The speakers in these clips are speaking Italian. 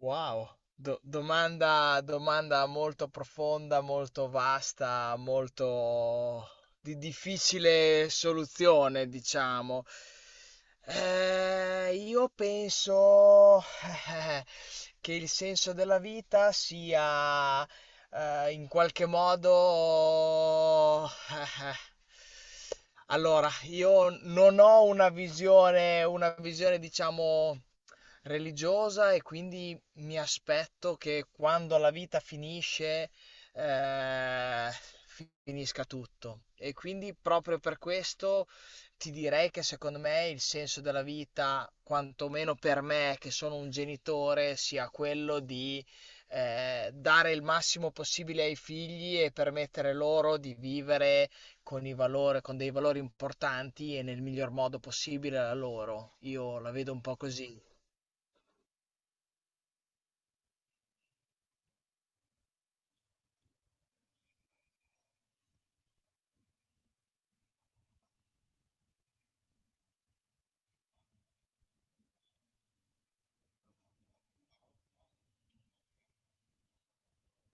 Wow, domanda, domanda molto profonda, molto vasta, molto di difficile soluzione, diciamo. Io penso che il senso della vita sia in qualche modo. Allora, io non ho una visione, diciamo, religiosa e quindi mi aspetto che quando la vita finisce, eh, finisca tutto. E quindi proprio per questo ti direi che secondo me il senso della vita, quantomeno per me che sono un genitore, sia quello di dare il massimo possibile ai figli e permettere loro di vivere con i valori, con dei valori importanti e nel miglior modo possibile a loro. Io la vedo un po' così.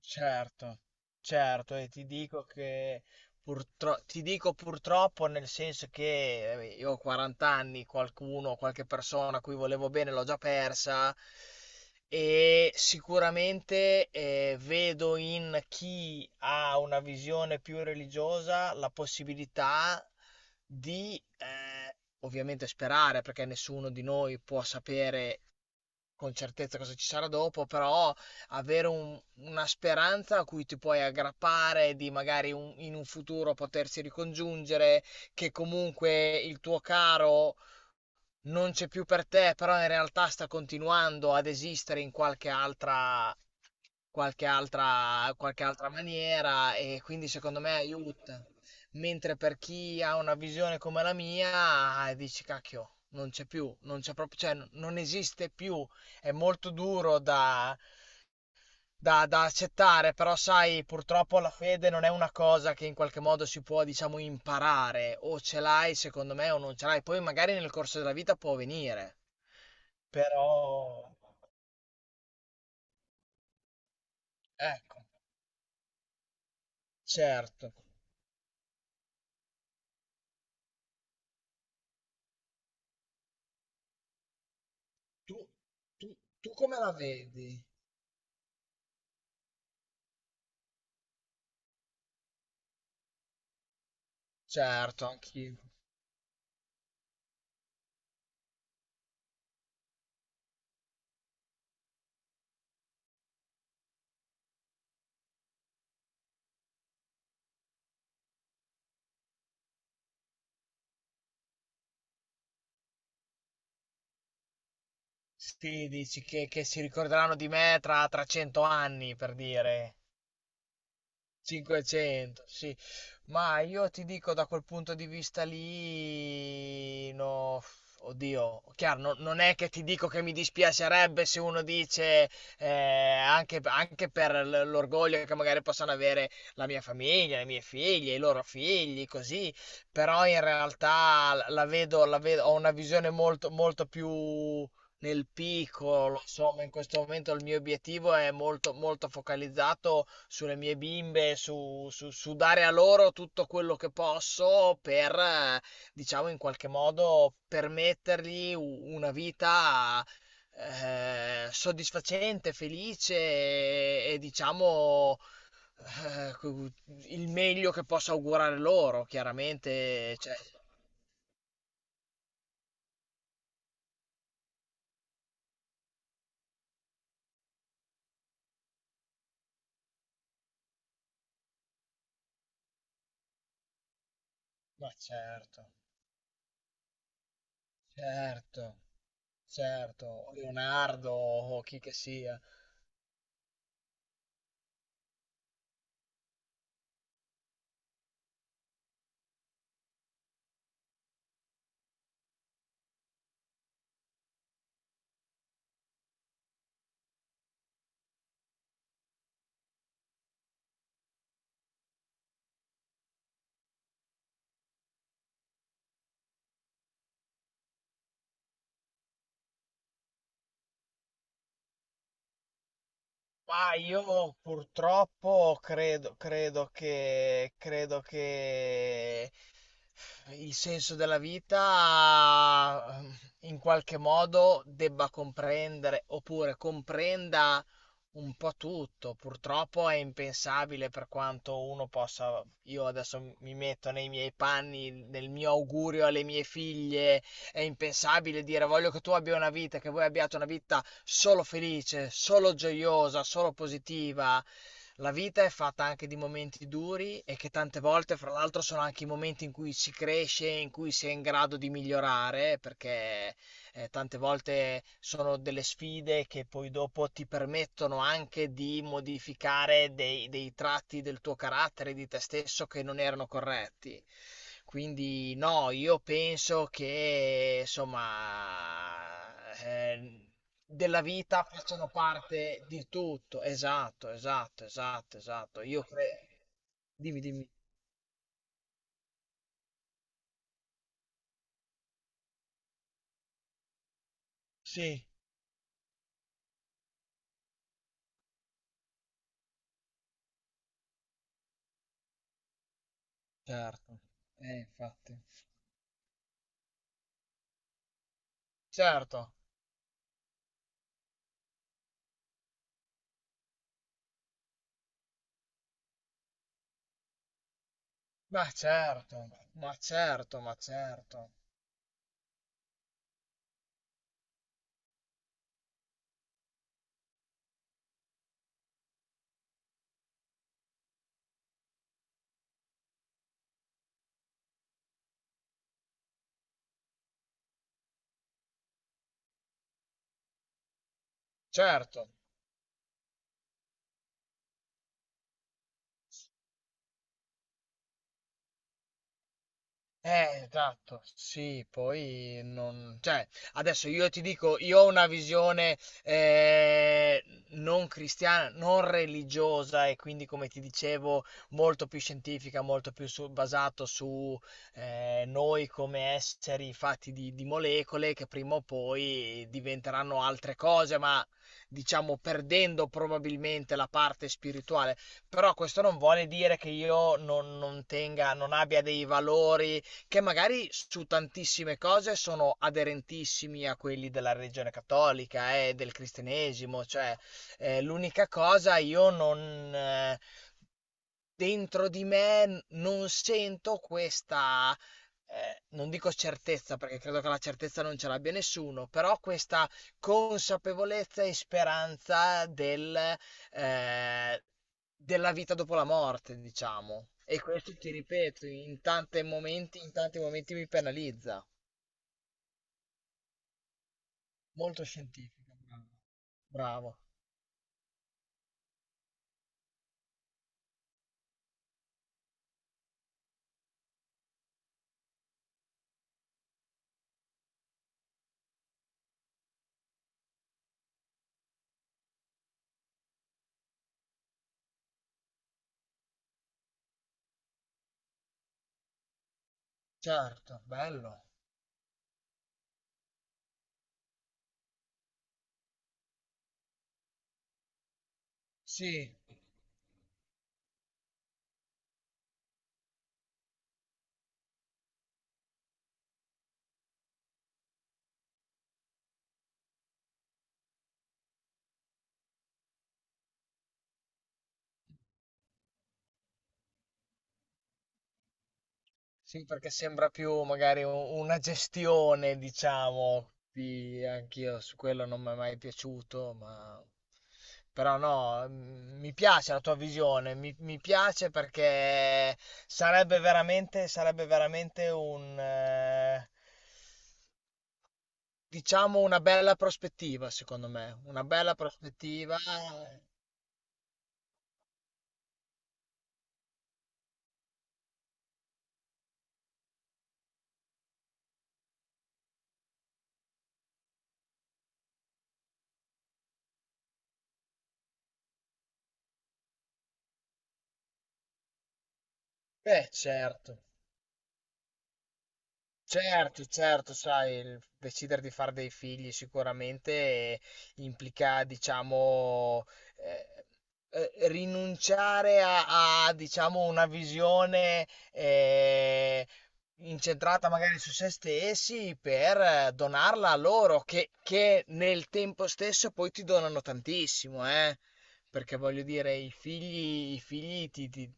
Certo, certo, e ti dico che ti dico purtroppo nel senso che io ho 40 anni, qualcuno, qualche persona a cui volevo bene l'ho già persa e sicuramente vedo in chi ha una visione più religiosa la possibilità di, ovviamente sperare, perché nessuno di noi può sapere con certezza cosa ci sarà dopo, però avere una speranza a cui ti puoi aggrappare di magari in un futuro potersi ricongiungere, che comunque il tuo caro non c'è più per te, però in realtà sta continuando ad esistere in qualche altra, qualche altra, qualche altra maniera e quindi secondo me aiuta. Mentre per chi ha una visione come la mia, dici cacchio, non c'è più, non c'è proprio, cioè, non esiste più. È molto duro da, da, da accettare, però sai, purtroppo la fede non è una cosa che in qualche modo si può, diciamo, imparare, o ce l'hai secondo me o non ce l'hai, poi magari nel corso della vita può venire, però ecco, certo. Tu, tu, tu come la vedi? Certo, anch'io. Sì, dici che si ricorderanno di me tra, tra 100 anni, per dire. 500, sì. Ma io ti dico da quel punto di vista lì, no, oddio, chiaro, non è che ti dico che mi dispiacerebbe se uno dice, anche, anche per l'orgoglio che magari possano avere la mia famiglia, le mie figlie, i loro figli, così, però in realtà la vedo, ho una visione molto, molto più nel piccolo, insomma, in questo momento il mio obiettivo è molto, molto focalizzato sulle mie bimbe, su, su dare a loro tutto quello che posso per, diciamo, in qualche modo permettergli una vita soddisfacente, felice e, diciamo, eh, cu- il meglio che posso augurare loro, chiaramente, cioè, ma certo, certo. Certo, o Leonardo o chi che sia. Ma io purtroppo credo, credo che il senso della vita in qualche modo debba comprendere oppure comprenda un po' tutto. Purtroppo è impensabile per quanto uno possa. Io adesso mi metto nei miei panni, nel mio augurio alle mie figlie. È impensabile dire voglio che tu abbia una vita, che voi abbiate una vita solo felice, solo gioiosa, solo positiva. La vita è fatta anche di momenti duri e che tante volte, fra l'altro, sono anche i momenti in cui si cresce, in cui si è in grado di migliorare, perché tante volte sono delle sfide che poi dopo ti permettono anche di modificare dei, dei tratti del tuo carattere, di te stesso che non erano corretti. Quindi no, io penso che insomma della vita facciano parte di tutto. Esatto, esatto, esatto, esatto. Io credo. Dimmi, dimmi. Sì, certo. Infatti. Certo, ma certo, ma certo, ma certo. Certo. Esatto, sì, poi non... Cioè, adesso io ti dico, io ho una visione eh, non cristiana, non religiosa e quindi, come ti dicevo, molto più scientifica, molto più basato su noi come esseri fatti di molecole che prima o poi diventeranno altre cose, ma diciamo perdendo probabilmente la parte spirituale. Però questo non vuole dire che io non, non tenga, non abbia dei valori che magari su tantissime cose sono aderentissimi a quelli della religione cattolica e del cristianesimo, cioè l'unica cosa io non... eh, dentro di me non sento questa, non dico certezza perché credo che la certezza non ce l'abbia nessuno, però questa consapevolezza e speranza del, eh, della vita dopo la morte, diciamo. E questo ti ripeto, in tanti momenti mi penalizza. Molto scientifica, bravo. Bravo, certo, bello. Sì. Sì, perché sembra più magari una gestione, diciamo, anch'io su quello non mi è mai piaciuto, ma però no, mi piace la tua visione, mi piace perché sarebbe veramente un, diciamo, una bella prospettiva, secondo me, una bella prospettiva. Beh, certo. Certo, certo, sai, il decidere di fare dei figli sicuramente implica, diciamo, eh, rinunciare a, a, diciamo, una visione eh, incentrata magari su se stessi per donarla a loro, che nel tempo stesso poi ti donano tantissimo, eh. Perché voglio dire, i figli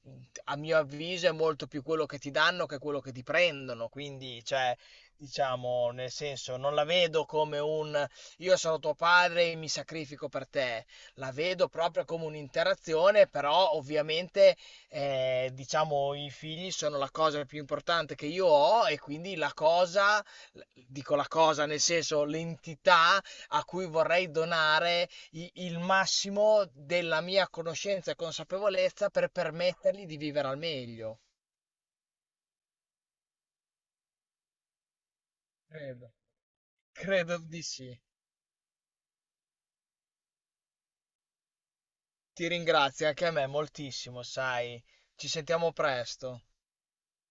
a mio avviso è molto più quello che ti danno che quello che ti prendono. Quindi, cioè, diciamo, nel senso, non la vedo come un io sono tuo padre e mi sacrifico per te. La vedo proprio come un'interazione, però ovviamente, diciamo, i figli sono la cosa più importante che io ho e quindi la cosa, dico la cosa, nel senso, l'entità a cui vorrei donare il massimo della mia conoscenza e consapevolezza per permettergli di vivere al meglio. Credo. Credo di sì. Ti ringrazio anche a me moltissimo, sai. Ci sentiamo presto.